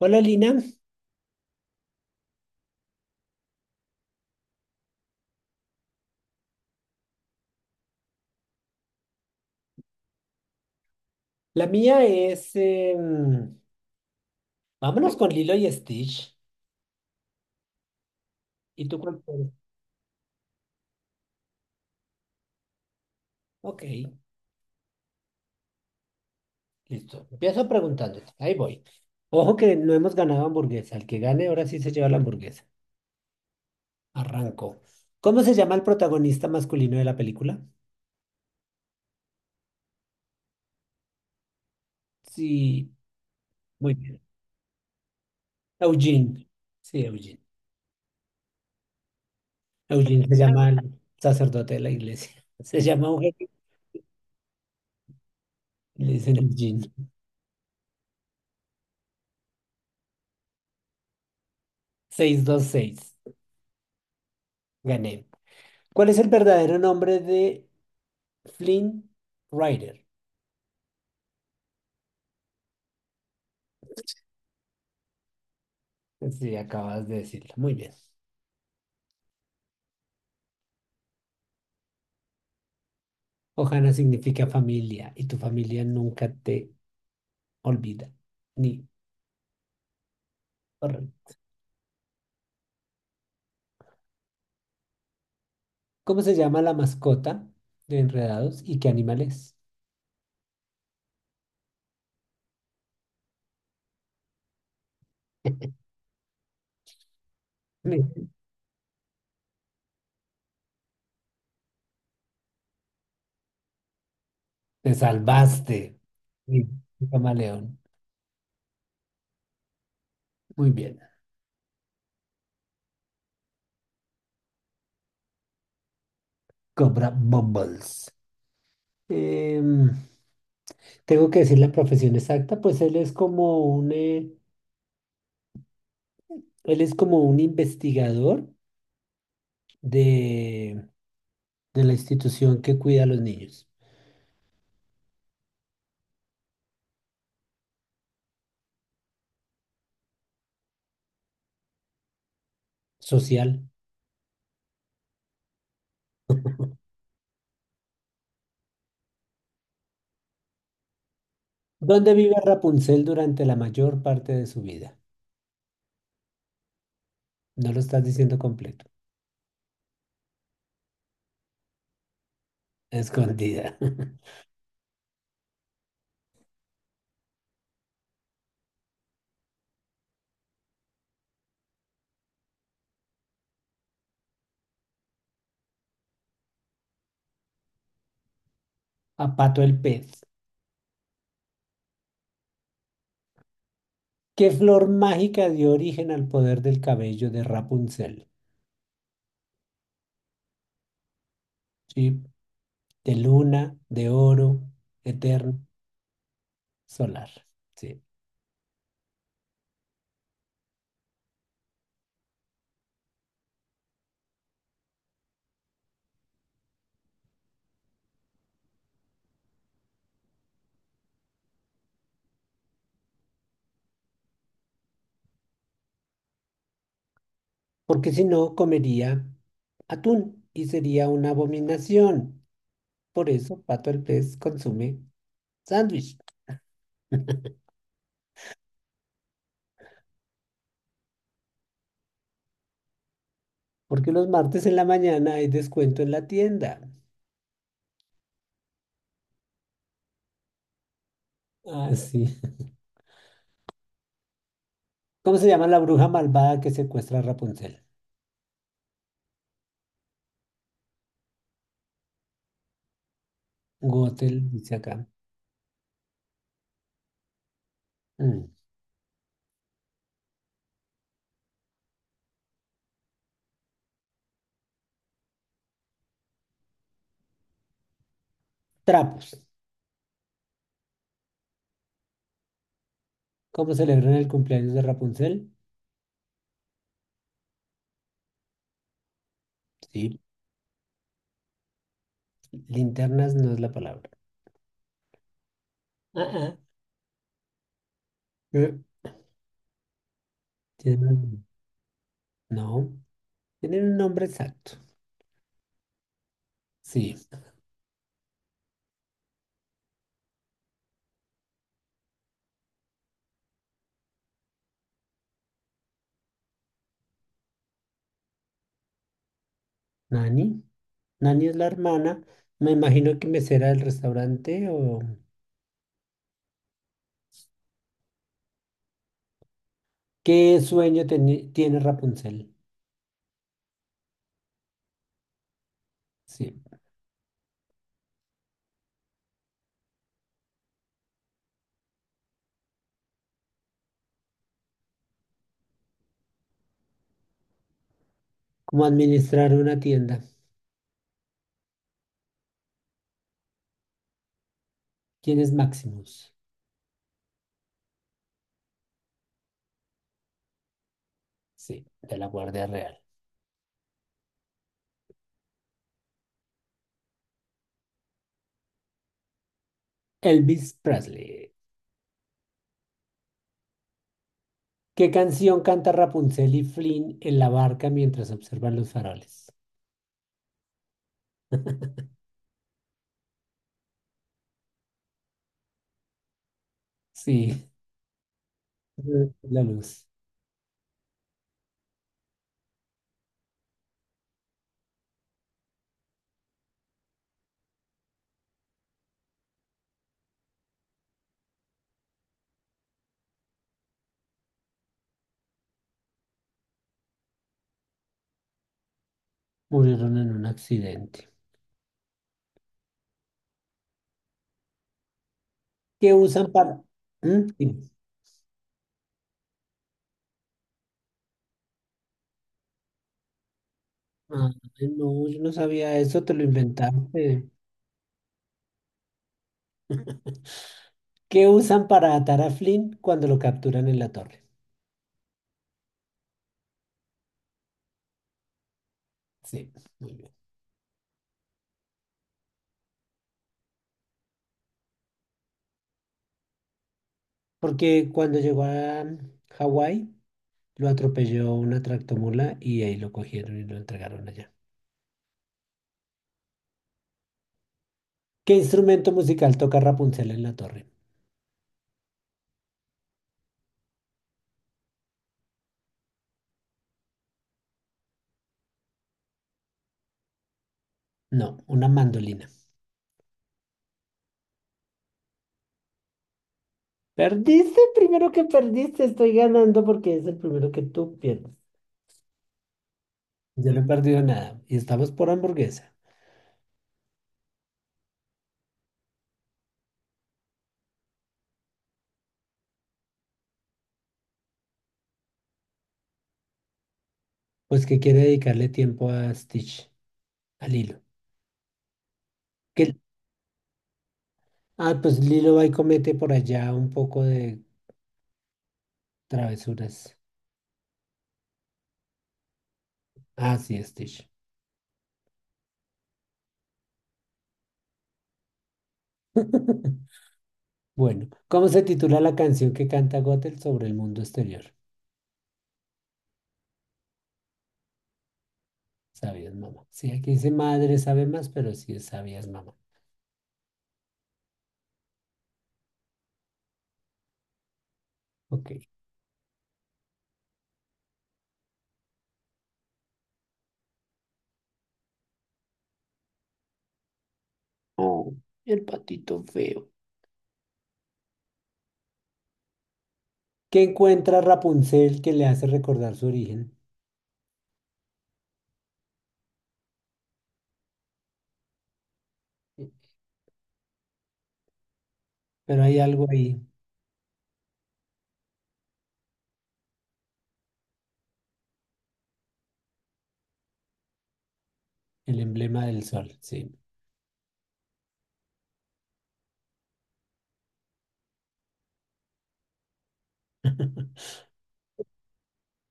Hola Lina, la mía es vámonos con Lilo y Stitch. ¿Y tú cuál quieres? Ok, listo. Empiezo preguntándote. Ahí voy. Ojo que no hemos ganado hamburguesa. El que gane ahora sí se lleva la hamburguesa. Arranco. ¿Cómo se llama el protagonista masculino de la película? Sí, muy bien. Eugene. Sí, Eugene. Eugene se llama el sacerdote de la iglesia. Se llama Eugene. Le dicen Eugene. 626. Gané. ¿Cuál es el verdadero nombre de Flynn Rider? Sí, acabas de decirlo. Muy bien. Ohana significa familia y tu familia nunca te olvida. Ni horror. ¿Cómo se llama la mascota de Enredados y qué animal es? Me- Te salvaste. Sí, un camaleón. Muy bien. Cobra Bumbles. Em, Tengo que decir la profesión exacta, pues él es como un, él es como un investigador de. De la institución que cuida a los niños. Social, ¿dónde vive Rapunzel durante la mayor parte de su vida? No lo estás diciendo completo. Escondida. A Pato el pez. ¿Qué flor mágica dio origen al poder del cabello de Rapunzel? Sí, de luna, de oro, eterno, solar. Sí. Porque si no, comería atún y sería una abominación. Por eso, Pato el pez consume sándwich. Porque los martes en la mañana hay descuento en la tienda. Ah, sí. ¿Cómo se llama la bruja malvada que secuestra a Rapunzel? Gothel, dice acá. Mm. Trapos. ¿Cómo celebran el cumpleaños de Rapunzel? Sí. Linternas no es la palabra. Ah, ah. Eh, tienen un- No. Tienen un nombre exacto. Sí. Nani. Nani es la hermana. Me imagino que mesera del restaurante o... ¿Qué sueño teni- tiene Rapunzel? Sí. ¿Cómo administrar una tienda? ¿Quién es Maximus? Sí, de la Guardia Real. Elvis Presley. ¿Qué canción canta Rapunzel y Flynn en la barca mientras observan los faroles? Sí, la luz. Murieron en un accidente. ¿Qué usan para...? ¿Mm? Sí. Ah, no, yo no sabía eso, te lo inventaste. ¿Qué usan para atar a Flynn cuando lo capturan en la torre? Sí, muy bien. Porque cuando llegó a Hawái, lo atropelló una tractomula y ahí lo cogieron y lo entregaron allá. ¿Qué instrumento musical toca Rapunzel en la torre? No, una mandolina. Perdiste, primero que perdiste, estoy ganando porque es el primero que tú pierdes. Yo no he perdido nada y estamos por hamburguesa. Pues que quiere dedicarle tiempo a Stitch, a Lilo. ¿Qué- Ah, pues Lilo va y comete por allá un poco de travesuras. Ah, sí, Stitch. Bueno, ¿cómo se titula la canción que canta Gothel sobre el mundo exterior? Sabías, mamá. Sí, aquí dice madre sabe más, pero sí es sabías, mamá. Ok. Oh, el patito feo. ¿Qué encuentra Rapunzel que le hace recordar su origen? Pero hay algo ahí, el emblema del sol, sí.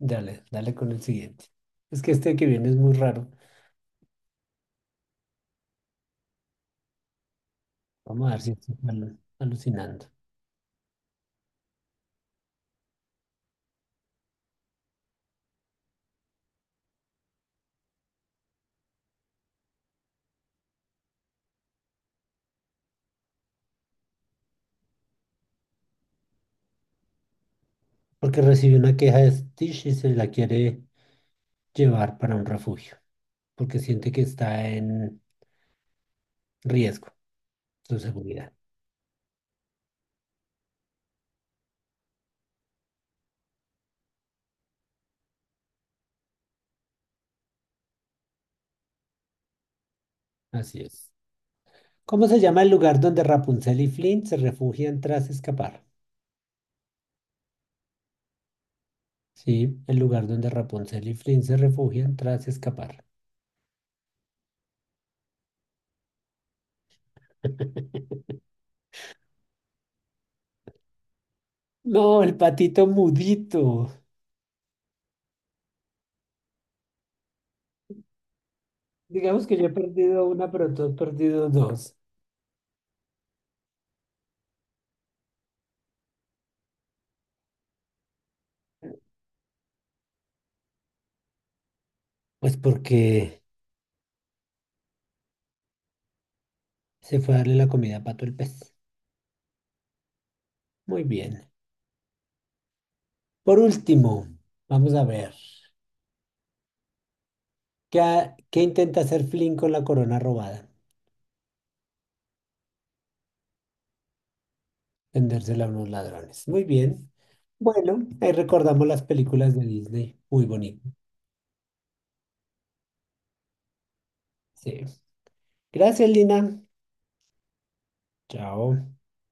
Dale con el siguiente. Es que este que viene es muy raro. Vamos a ver si estoy alucinando. Porque recibió una queja de Stitch y se la quiere llevar para un refugio, porque siente que está en riesgo su seguridad. Así es. ¿Cómo se llama el lugar donde Rapunzel y Flynn se refugian tras escapar? Sí, el lugar donde Rapunzel y Flynn se refugian tras escapar. No, el patito mudito. Digamos que yo he perdido una, pero tú has perdido dos. Pues porque se fue a darle la comida a Pato el pez. Muy bien. Por último, vamos a ver. ¿Qué, ha- qué intenta hacer Flynn con la corona robada? Vendérsela a unos ladrones. Muy bien. Bueno, ahí recordamos las películas de Disney. Muy bonito. Sí. Gracias, Lina. Chao.